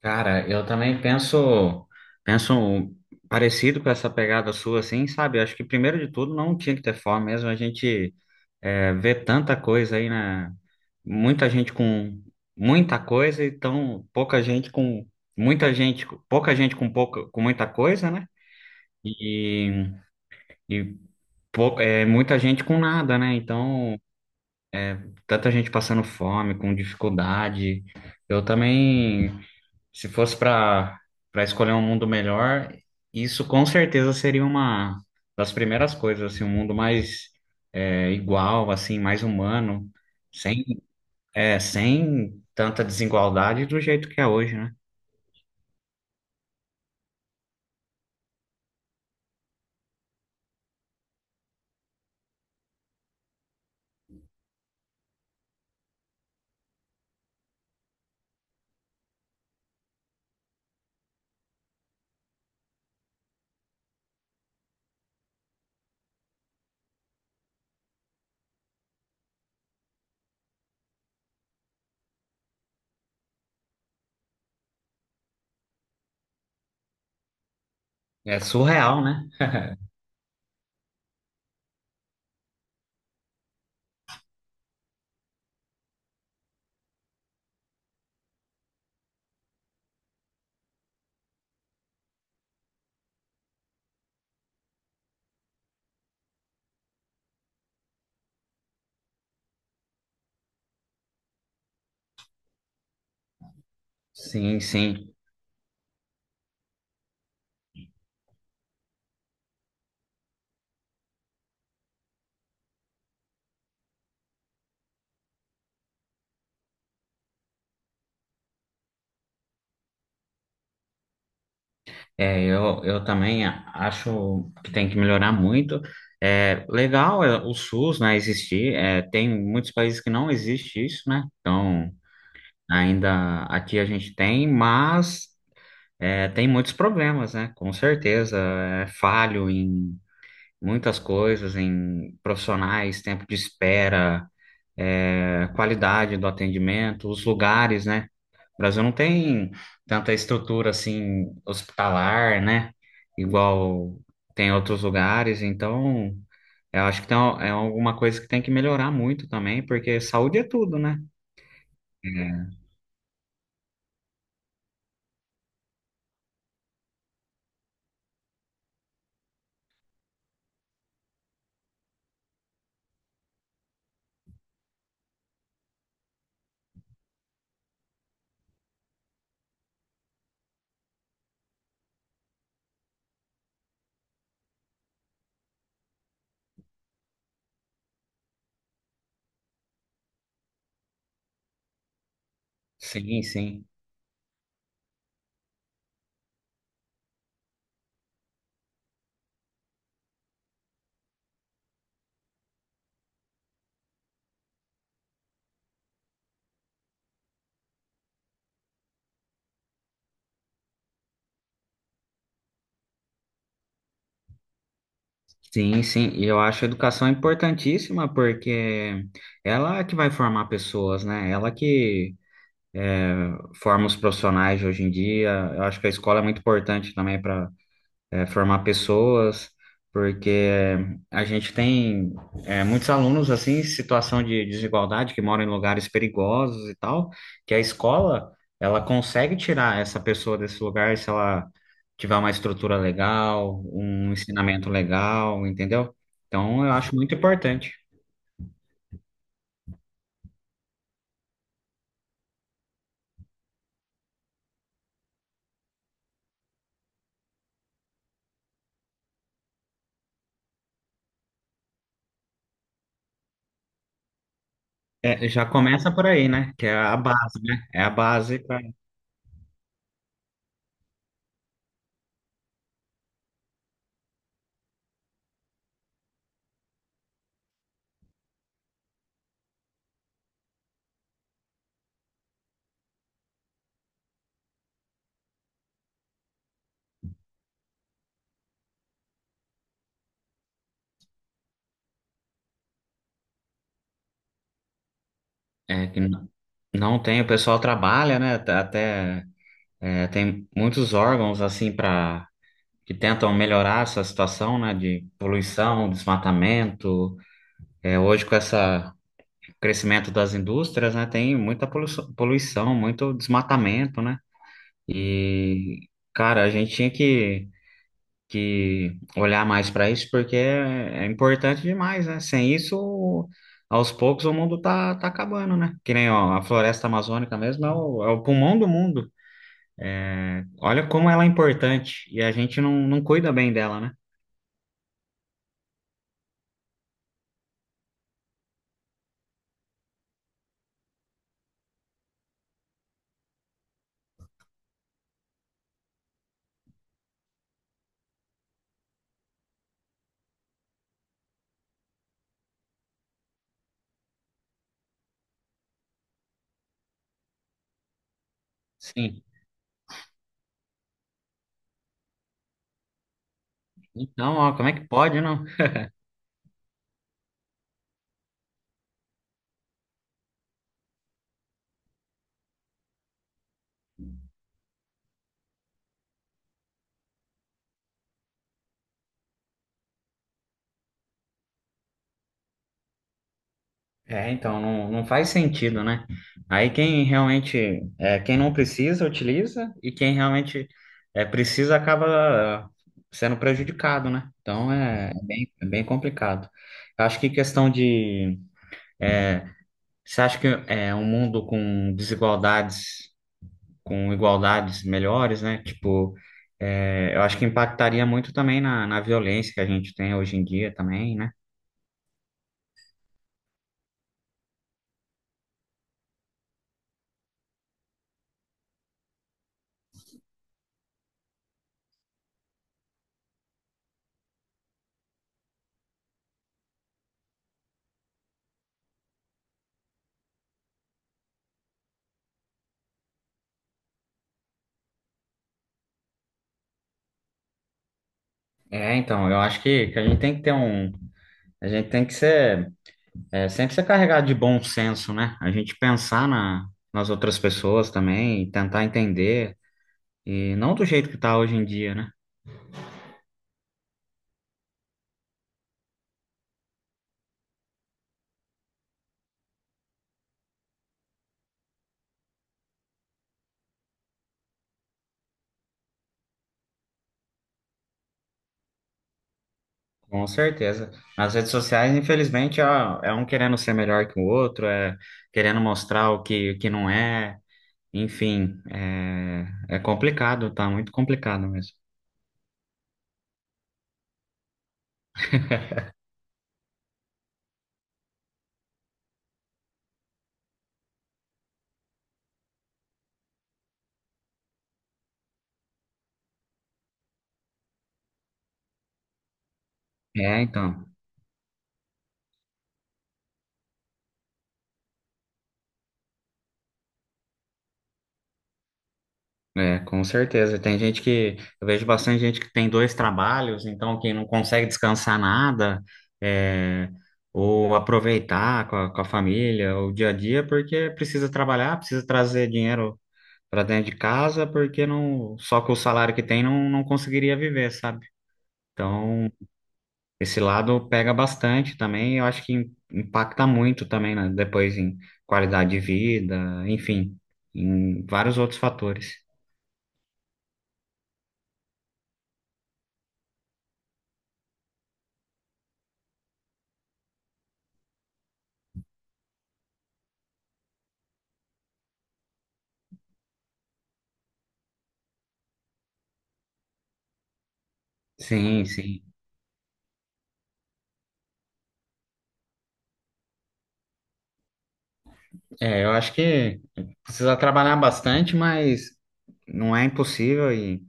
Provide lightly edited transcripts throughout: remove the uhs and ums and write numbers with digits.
Cara, eu também penso, penso parecido com essa pegada sua, assim, sabe? Acho que primeiro de tudo não tinha que ter fome mesmo. A gente vê tanta coisa aí, né? Muita gente com muita coisa e tão pouca gente com muita gente, pouca gente com pouca, com muita coisa, né? E, e Muita gente com nada, né? Então, tanta gente passando fome, com dificuldade. Eu também. Se fosse para escolher um mundo melhor, isso com certeza seria uma das primeiras coisas, assim, um mundo mais igual, assim, mais humano, sem sem tanta desigualdade do jeito que é hoje, né? É surreal, né? Sim, sim. É, eu também acho que tem que melhorar muito. É, legal é, o SUS, né, existir. É, tem muitos países que não existe isso, né? Então, ainda aqui a gente tem, mas é, tem muitos problemas, né? Com certeza. É falho em muitas coisas, em profissionais, tempo de espera, é, qualidade do atendimento, os lugares, né? O Brasil não tem tanta estrutura assim hospitalar, né? Igual tem outros lugares. Então, eu acho que tem, é alguma coisa que tem que melhorar muito também, porque saúde é tudo, né? É. Sim, sim. Sim, sim, e eu acho a educação importantíssima porque ela é que vai formar pessoas, né? Ela que forma os profissionais de hoje em dia. Eu acho que a escola é muito importante também é, formar pessoas, porque a gente tem é, muitos alunos assim, em situação de desigualdade, que moram em lugares perigosos e tal, que a escola, ela consegue tirar essa pessoa desse lugar se ela tiver uma estrutura legal, um ensinamento legal, entendeu? Então, eu acho muito importante. É, já começa por aí, né? Que é a base, né? É a base para é, que não tem, o pessoal trabalha, né? Tá- Até é, tem muitos órgãos assim para que tentam melhorar essa situação, né, de poluição, desmatamento. É, hoje com essa crescimento das indústrias, né, tem muita poluição, poluição, muito desmatamento, né? E cara, a gente tinha que olhar mais para isso porque é, é importante demais, né? Sem isso, aos poucos o mundo tá acabando, né? Que nem ó, a floresta amazônica mesmo é o, é o pulmão do mundo. Olha como ela é importante e a gente não, não cuida bem dela, né? Sim. Então, ó, como é que pode, não? É, então, não, não faz sentido, né? Aí quem realmente, é, quem não precisa, utiliza e quem realmente é, precisa acaba sendo prejudicado, né? Então, é, é bem complicado. Eu acho que questão de... Você acha que é um mundo com desigualdades com igualdades melhores, né? Tipo, é, eu acho que impactaria muito também na violência que a gente tem hoje em dia também, né? É, então, eu acho que a gente tem que ter um. A gente tem que ser, é, sempre ser carregado de bom senso, né? A gente pensar na, nas outras pessoas também, e tentar entender, e não do jeito que tá hoje em dia, né? Com certeza. Nas redes sociais, infelizmente, é, é um querendo ser melhor que o outro, é querendo mostrar o que não é. Enfim, é, é complicado, tá muito complicado mesmo. É, então, é, com certeza. Tem gente que, eu vejo bastante gente que tem 2 trabalhos, então que não consegue descansar nada, é, ou aproveitar com a família, o dia a dia, porque precisa trabalhar, precisa trazer dinheiro para dentro de casa, porque não, só com o salário que tem não, não conseguiria viver, sabe? Então, esse lado pega bastante também, eu acho que impacta muito também, né? Depois em qualidade de vida, enfim, em vários outros fatores. Sim, sim. É, eu acho que precisa trabalhar bastante, mas não é impossível e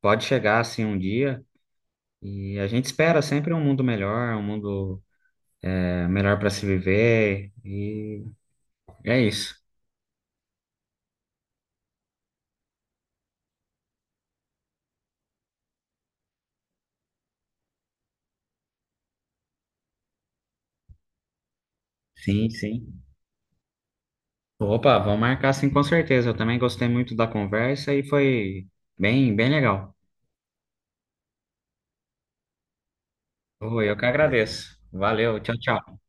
pode chegar assim um dia. E a gente espera sempre um mundo melhor, um mundo é, melhor para se viver. E é isso. Sim, sim. Opa, vamos marcar sim, com certeza. Eu também gostei muito da conversa e foi bem, bem legal. Oi, eu que agradeço. Valeu, tchau, tchau.